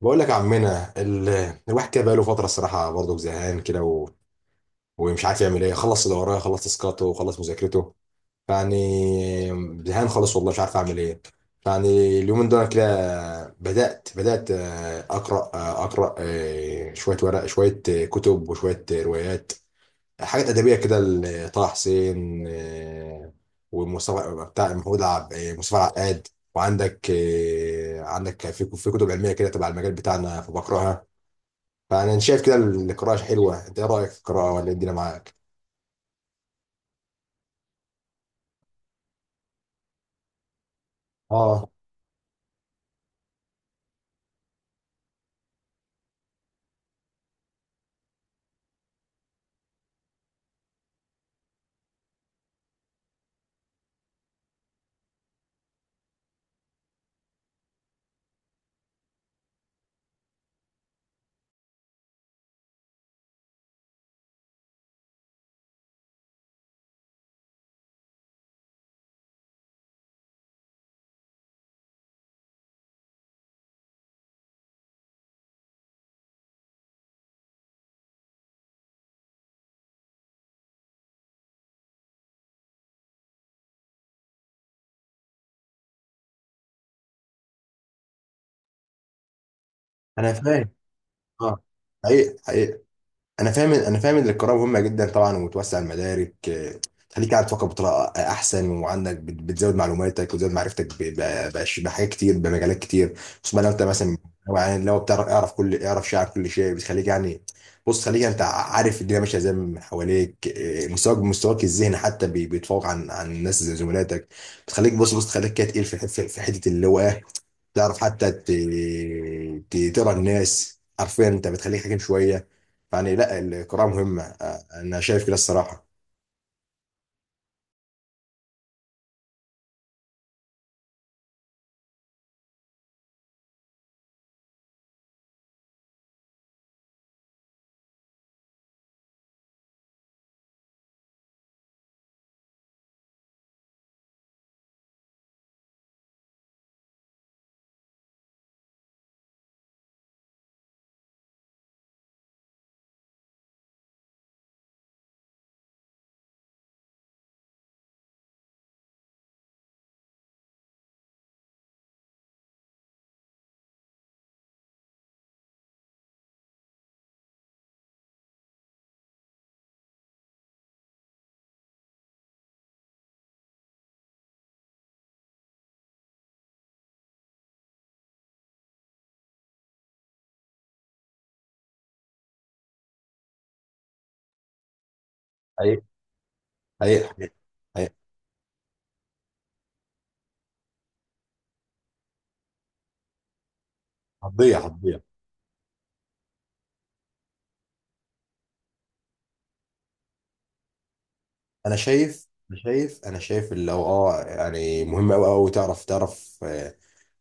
بقول لك يا عمنا الواحد كده بقاله فتره، الصراحه برضه زهقان كده ومش عارف يعمل ايه. خلص اللي وراه، خلص تسكاته وخلص مذاكرته يعني. زهقان خالص والله، مش عارف اعمل ايه يعني اليومين دول كده. بدات اقرا، اقرا، شويه ورق، شويه كتب، وشويه روايات، حاجات ادبيه كده. لطه حسين، ومصطفى بتاع محمود عب... آه، مصطفى عقاد. وعندك، عندك في كتب علميه كده تبع المجال بتاعنا فبقراها. فانا شايف كده القراءه حلوه، انت ايه رايك في القراءه، ولا إيه الدنيا معاك؟ اه. انا فاهم. اه، حقيقي. انا فاهم، ان القراءه مهمه جدا طبعا، وبتوسع المدارك. تخليك قاعد تفكر بطريقه احسن، وعندك بتزود معلوماتك وتزود معرفتك بحاجات كتير، بمجالات كتير. خصوصا لو انت مثلا، لو بتعرف، اعرف كل، اعرف شيء عن كل شيء، بتخليك يعني. بص، خليك انت عارف الدنيا ماشيه ازاي من حواليك. مستواك، الذهني حتى بيتفوق عن الناس زي زملاتك. بتخليك بص، بص تخليك كده تقيل في حته اللي هو تعرف حتى تقرا الناس حرفيا. انت بتخليك حكيم شويه يعني. لا القراءه مهمه، انا شايف كده الصراحه. هي هي هي- هتضيع. انا شايف، اللي هو اه يعني مهم. قوي قوي تعرف، تعرف.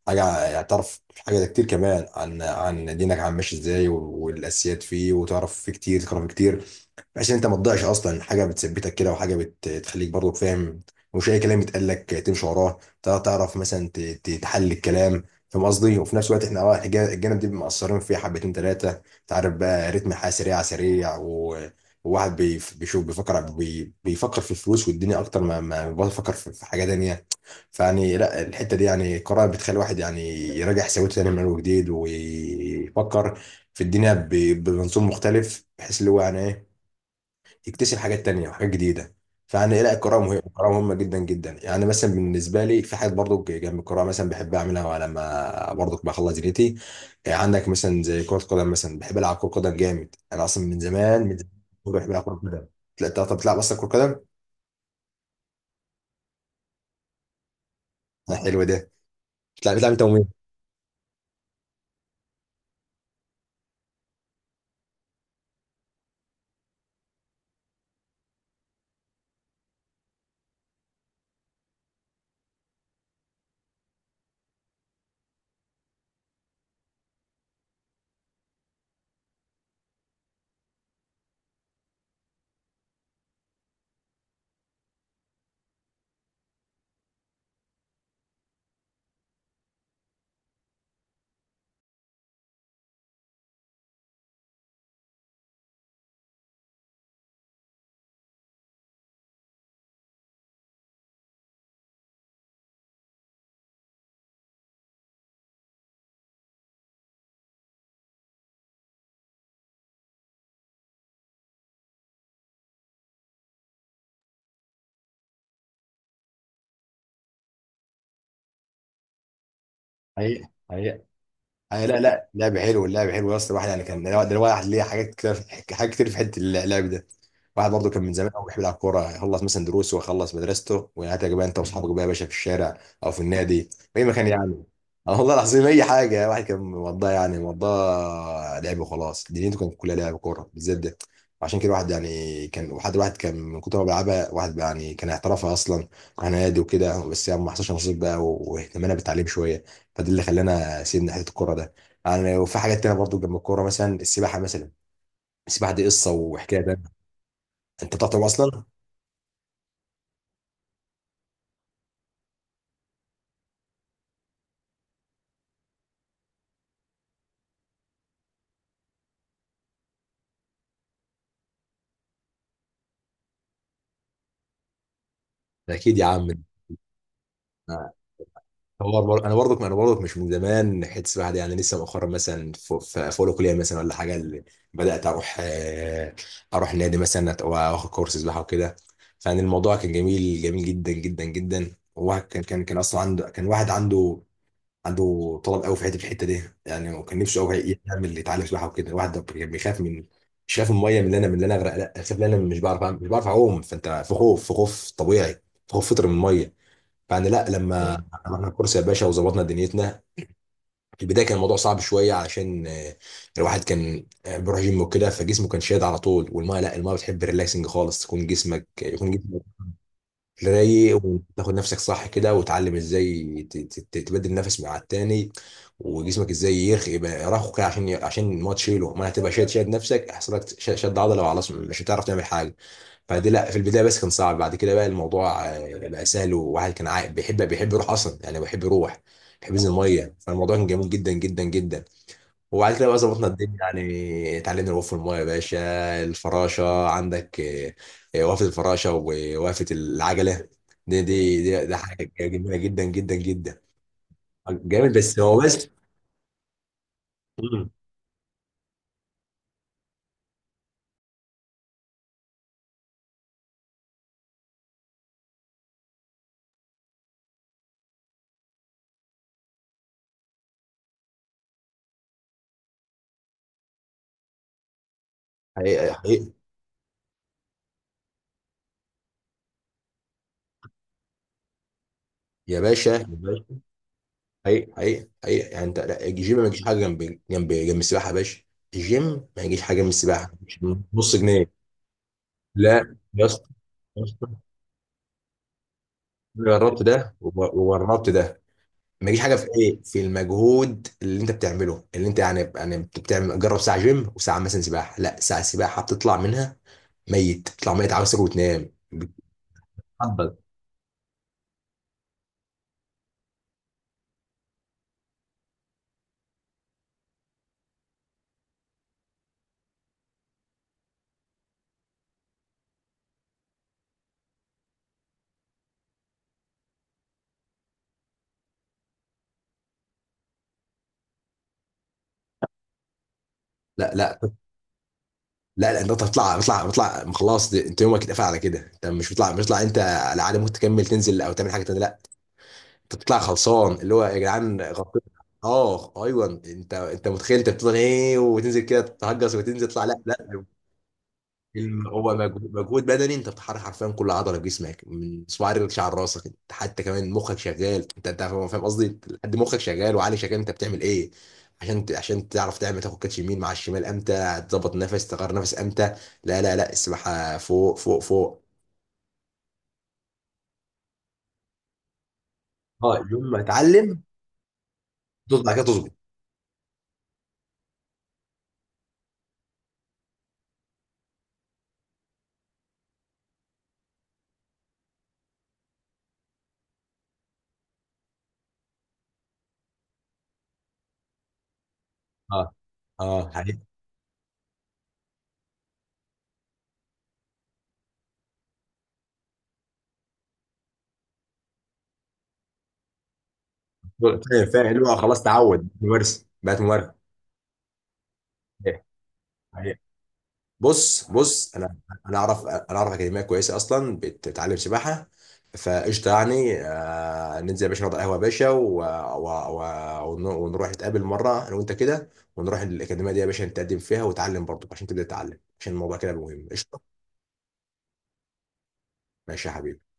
حاجه يعني، تعرف حاجه ده كتير كمان عن دينك عم ماشي ازاي والاساسيات فيه، وتعرف فيه كتير، تقرا فيه كتير. بحيث ان انت ما تضيعش اصلا، حاجه بتثبتك كده، وحاجه بتخليك برضو فاهم. مش اي كلام يتقال لك تمشي وراه، تعرف مثلا تحلل الكلام، فاهم قصدي. وفي نفس الوقت احنا اه الجانب دي مقصرين فيه حبتين ثلاثه. انت عارف بقى رتم الحياه سريع سريع، وواحد بيشوف، بيفكر، بيفكر في الفلوس والدنيا اكتر ما بفكر في حاجه تانيه. فيعني لا الحته دي يعني قرار، بتخلي الواحد يعني يراجع حساباته تاني من اول وجديد، ويفكر في الدنيا بمنظور مختلف، بحيث اللي هو يعني ايه يكتشف حاجات تانية وحاجات جديدة. فأنا إيه، لا القراءة مهمة، القراءة مهمة جدا جدا. يعني مثلا بالنسبة لي في حاجات برضو جنب القراءة مثلا بحب أعملها لما برضو بخلص دنيتي. يعني عندك مثلا زي كرة قدم، مثلا بحب ألعب كرة قدم جامد. أنا أصلا من زمان من زمان بحب ألعب كرة قدم. لا، أنت طب بتلعب أصلا كرة قدم؟ لا، حلو ده. بتلعب، أنت ومين؟ حقيقة، حقيقة. آه لا لا، لعب حلو. اللعب حلو يا اسطى. الواحد يعني كان ده، الواحد ليه حاجات كتير، في حاجات كتير في حته اللعب ده. واحد برضه كان من زمان قوي بيحب يلعب كوره، يخلص مثلا دروسه ويخلص مدرسته ويعاتك بقى انت واصحابك بقى يا باشا في الشارع، او في النادي، في اي مكان يعني. آه والله العظيم اي حاجه الواحد كان مقضاها، يعني مقضاها لعب وخلاص. دنيته كانت كلها لعب كوره بالذات ده. وعشان كده الواحد يعني كان وحد، واحد كان من كتر ما بيلعبها واحد بقى، يعني كان احترافها اصلا على نادي وكده، بس يعني ما حصلش نصيب بقى، واهتمامنا بالتعليم شويه، فده اللي خلانا سيبنا حته الكوره ده يعني. وفي حاجات تانية برضو جنب الكوره، مثلا السباحه مثلا. السباحه دي قصه وحكايه بقى. انت بتعرف تعوم اصلا؟ اكيد يا عم. آه، هو انا برضك، مش من زمان حته السباحه دي، يعني لسه مؤخرا مثلا في اولى كليه مثلا ولا حاجه اللي بدات اروح. اروح نادي مثلا، واخد كورس سباحه وكده. فيعني الموضوع كان جميل، جميل جدا جدا جدا. وواحد كان اصلا عنده، كان واحد عنده، عنده طلب قوي في حته الحته دي، يعني هو كان نفسه قوي يعمل، يتعلم سباحه وكده. الواحد ده كان بيخاف من، مش خايف من الميه من اللي انا، من اللي انا اغرق، لا خايف ان انا مش بعرف مش بعرف اعوم. فانت في خوف، في خوف طبيعي، في خوف فطري من الميه. فانا لا لما رحنا الكورس يا باشا وظبطنا دنيتنا. في البدايه كان الموضوع صعب شويه علشان الواحد كان بيروح جيم وكده فجسمه كان شاد على طول. والميه لا، الميه بتحب ريلاكسنج خالص، تكون جسمك، يكون جسمك رايق، وتاخد نفسك صح كده، وتعلم ازاي تبدل نفس مع التاني. وجسمك ازاي يرخي، يبقى يرخو كده، عشان الماتش تشيله. ما هتبقى شاد، شاد نفسك، هيحصل لك شد عضله وخلاص، مش هتعرف تعمل حاجه. فدي لا في البدايه بس كان صعب. بعد كده بقى الموضوع بقى سهل، وواحد كان عايق بيحب، يروح اصلا يعني، بيحب يروح، بيحب ينزل الميه، فالموضوع كان جميل جدا جدا جدا. وبعد كده بقى ظبطنا الدنيا يعني، اتعلمنا الوقوف في المايه يا باشا. الفراشه عندك، وقفه الفراشه ووقفه العجله. دي، دي، دي حاجه جميله جدا جدا جدا. جامد بس. هو بس. مم. حقيقي، حقيقي. يا باشا، يا باشا. حقيقي، حقيقي، حقيقي يعني. انت لا، الجيم ما يجيش حاجه جنب جنب السباحه يا باشا. الجيم ما يجيش حاجه جنب السباحه، مش نص جنيه. لا يا اسطى، يا اسطى، أنا جربت ده وجربت ده. ما يجيش حاجه في ايه، في المجهود اللي انت بتعمله، اللي انت يعني يعني بتعمل. جرب ساعه جيم، وساعه مثلا سباحه. لا ساعه سباحه بتطلع منها ميت، بتطلع ميت عاوز تاكل وتنام، بتتعضل. لا لا لا، لا انت بتطلع، بتطلع خلاص. انت يومك اتقفل على كده. انت مش بتطلع، انت على عاده ممكن تكمل تنزل او تعمل حاجه تانيه، لا انت بتطلع خلصان، اللي هو يا جدعان غطيت. اه ايوه انت، انت متخيل انت بتفضل ايه وتنزل كده تهجس وتنزل، تطلع لا لا. مم. هو مجهود، مجهود بدني. انت بتحرك حرفيا كل عضله في جسمك، من صباع رجلك، شعر راسك. انت حتى كمان مخك شغال، انت، انت فاهم، قصدي لحد مخك شغال، وعقلك شغال. انت بتعمل ايه عشان عشان تعرف تعمل، تاخد كاتش يمين مع الشمال، امتى تظبط نفس، تغير نفس امتى. لا لا لا، السباحه فوق فوق فوق. اه يوم ما اتعلم. تظبط، بعد كده تظبط. اه، اه حقيقي. فاهم، فاهم اللي هو خلاص، تعود ممارسه، بقت ممارسه. بص، انا انا اعرف، اكاديميه كويسه اصلا بتعلم سباحه. فقشطه يعني. ننزل يا باشا، نقعد على القهوه يا باشا، ونروح نتقابل مره انا وانت كده. ونروح الاكاديميه دي يا باشا، نتقدم فيها وتعلم برضه، عشان تبدا تتعلم، عشان الموضوع كده مهم. قشطه. ماشي يا حبيبي.